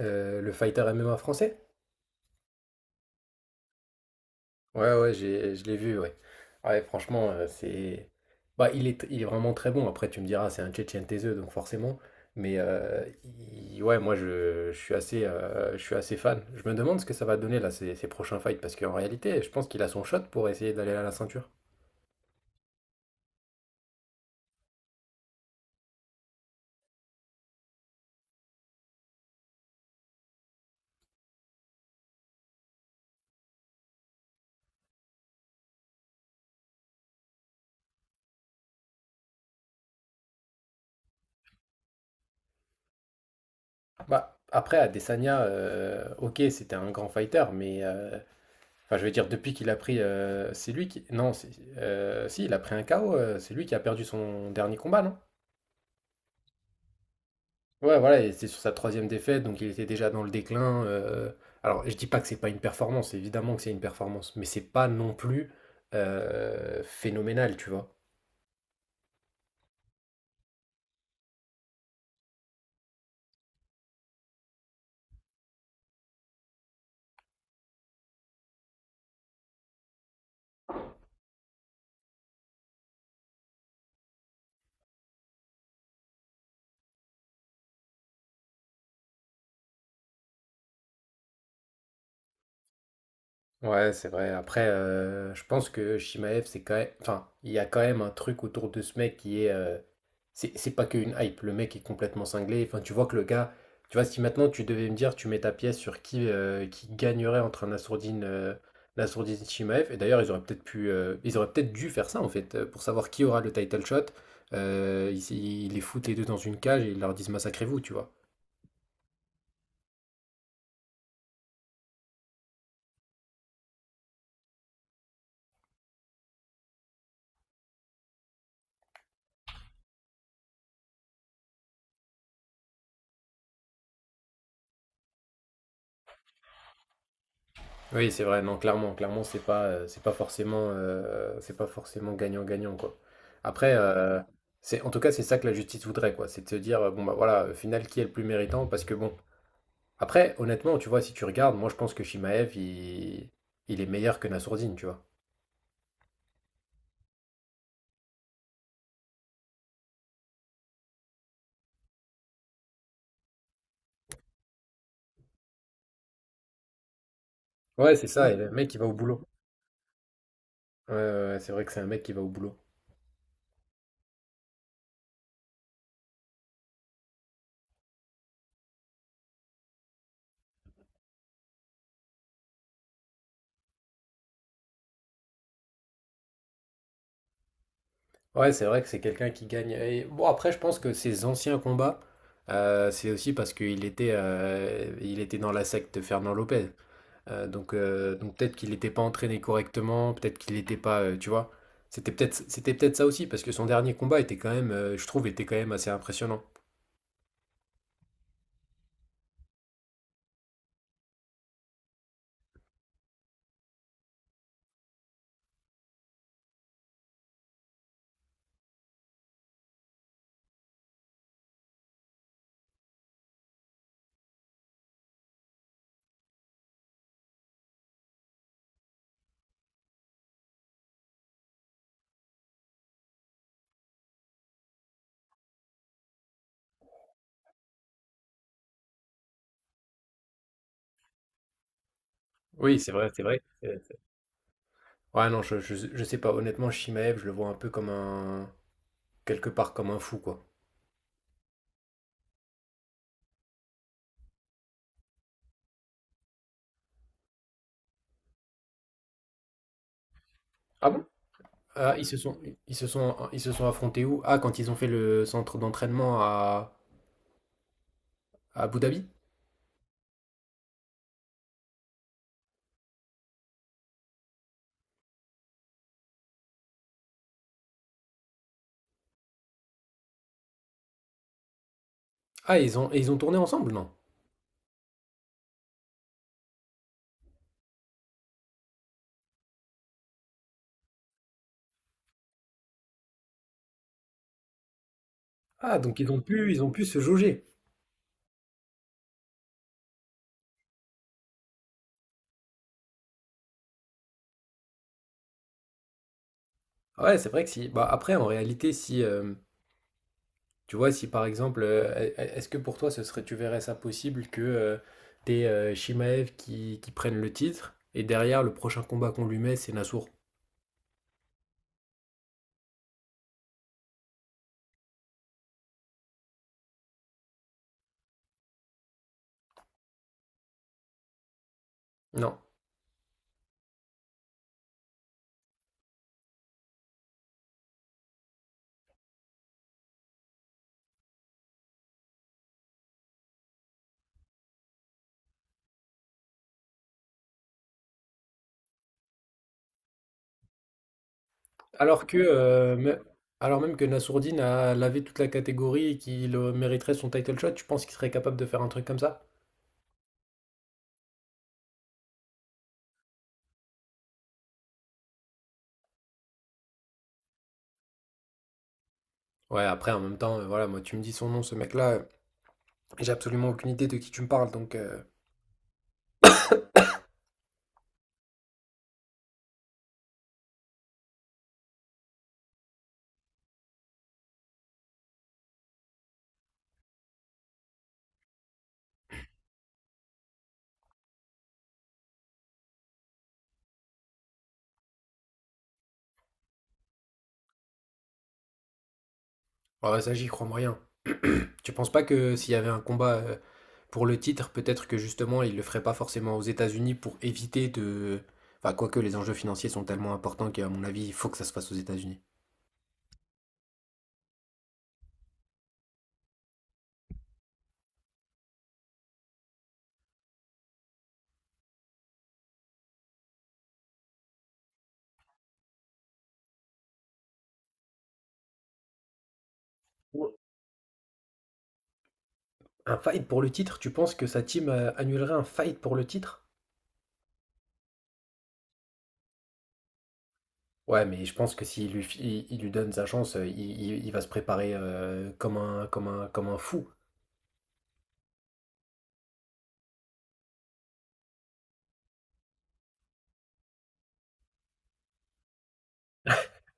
Le fighter MMA français? Ouais, ouais, j'ai, je l'ai vu, ouais. Ouais, franchement, c'est. Bah, il est vraiment très bon. Après, tu me diras, c'est un Tchétchène taiseux, donc forcément. Mais ouais, moi, je suis je suis assez fan. Je me demande ce que ça va donner, là, ces prochains fights. Parce qu'en réalité, je pense qu'il a son shot pour essayer d'aller à la ceinture. Bah, après, Adesanya, ok, c'était un grand fighter, mais. Enfin, je veux dire, depuis qu'il a pris. C'est lui qui. Non, si, il a pris un KO. C'est lui qui a perdu son dernier combat, non? Ouais, voilà, et c'est sur sa troisième défaite, donc il était déjà dans le déclin. Alors, je dis pas que c'est pas une performance, évidemment que c'est une performance, mais c'est pas non plus phénoménal, tu vois. Ouais, c'est vrai. Après, je pense que Shimaev, c'est quand même... Enfin, il y a quand même un truc autour de ce mec qui est... C'est pas qu'une hype, le mec est complètement cinglé. Enfin, tu vois que le gars, tu vois, si maintenant tu devais me dire, tu mets ta pièce sur qui gagnerait entre un Nassourdine, Nassourdine Chimaev, et d'ailleurs, ils auraient peut-être pu, ils auraient peut-être dû faire ça en fait, pour savoir qui aura le title shot. Ils les foutent les deux dans une cage et ils leur disent massacrez-vous, tu vois. Oui, c'est vrai, non, clairement, clairement, c'est pas forcément gagnant-gagnant, quoi. Après, c'est, en tout cas, c'est ça que la justice voudrait, quoi. C'est de se dire, bon, bah voilà, au final, qui est le plus méritant? Parce que bon. Après, honnêtement, tu vois, si tu regardes, moi je pense que Shimaev, il est meilleur que Nassourdine, tu vois. Ouais, c'est ça, et le mec, il va au boulot. Ouais, ouais, ouais, c'est vrai que c'est un mec qui va au boulot. Ouais, c'est vrai que c'est quelqu'un qui gagne. Et bon, après, je pense que ses anciens combats, c'est aussi parce qu'il il était dans la secte Fernand Lopez. Donc peut-être qu'il n'était pas entraîné correctement, peut-être qu'il n'était pas, tu vois. C'était peut-être ça aussi, parce que son dernier combat était quand même, je trouve, était quand même assez impressionnant. Oui, c'est vrai, c'est vrai. Ouais, non, je sais pas. Honnêtement, Shimaev, je le vois un peu comme un. Quelque part comme un fou, quoi. Ah bon? Ah, ils se sont affrontés où? Ah, quand ils ont fait le centre d'entraînement à Abu Dhabi? Ah, et ils ont tourné ensemble, non? Ah, donc ils ont pu se jauger. Ouais, c'est vrai que si. Bah, après, en réalité, si. Tu vois, si par exemple. Est-ce que pour toi, ce serait, tu verrais ça possible que t'aies Shimaev qui prenne le titre et derrière, le prochain combat qu'on lui met, c'est Nassour? Non. Alors que, alors même que Nassourdine a lavé toute la catégorie et qu'il mériterait son title shot, tu penses qu'il serait capable de faire un truc comme ça? Ouais, après, en même temps, voilà, moi, tu me dis son nom, ce mec-là, j'ai absolument aucune idée de qui tu me parles, donc, ouais, ouais, ça, j'y crois moyen. Tu penses pas que s'il y avait un combat pour le titre, peut-être que justement, il le ferait pas forcément aux États-Unis pour éviter de... Enfin, quoique les enjeux financiers sont tellement importants qu'à mon avis, il faut que ça se fasse aux États-Unis. Ou un fight pour le titre, tu penses que sa team annulerait un fight pour le titre? Ouais, mais je pense que s'il lui, il lui donne sa chance, il va se préparer comme comme un fou,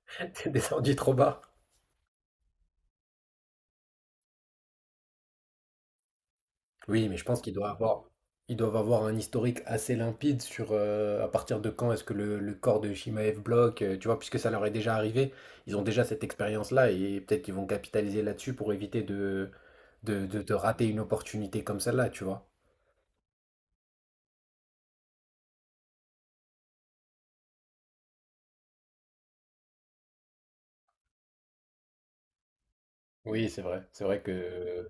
descendu trop bas. Oui, mais je pense qu'ils doivent avoir, ils doivent avoir un historique assez limpide sur à partir de quand est-ce que le corps de Shimaev bloque, tu vois, puisque ça leur est déjà arrivé, ils ont déjà cette expérience-là et peut-être qu'ils vont capitaliser là-dessus pour éviter de rater une opportunité comme celle-là, tu vois. Oui, c'est vrai. C'est vrai que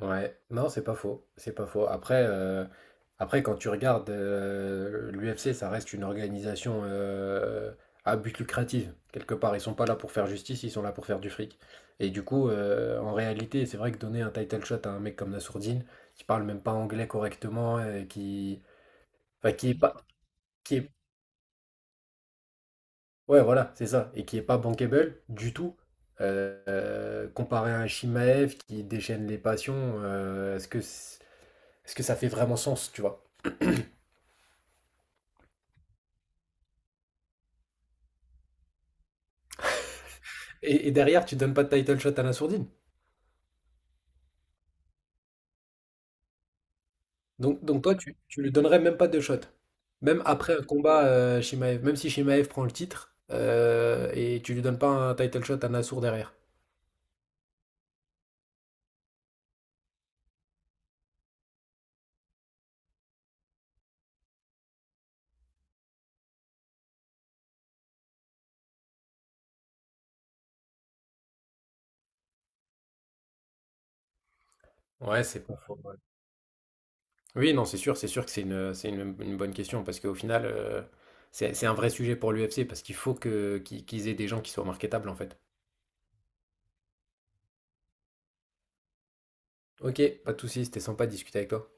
ouais, non, c'est pas faux, c'est pas faux. Après, après quand tu regardes l'UFC, ça reste une organisation à but lucratif. Quelque part, ils sont pas là pour faire justice, ils sont là pour faire du fric. Et du coup, en réalité, c'est vrai que donner un title shot à un mec comme Nassourdine, qui parle même pas anglais correctement, enfin, qui est pas, qui est, ouais, voilà, c'est ça, et qui est pas bankable du tout. Comparé à un Chimaev qui déchaîne les passions, euh, est-ce que, c'est- est-ce que ça fait vraiment sens, tu vois? Et derrière, tu donnes pas de title shot à la sourdine. Donc toi, tu lui donnerais même pas de shot. Même après un combat, Shimaev, même si Shimaev prend le titre, et tu lui donnes pas un title shot à Nassour derrière. Ouais, c'est pas faux, ouais. Oui, non, c'est sûr que c'est une bonne question, parce qu'au final, c'est un vrai sujet pour l'UFC, parce qu'il faut que, qu'ils aient des gens qui soient marketables, en fait. Ok, pas de soucis, c'était sympa de discuter avec toi.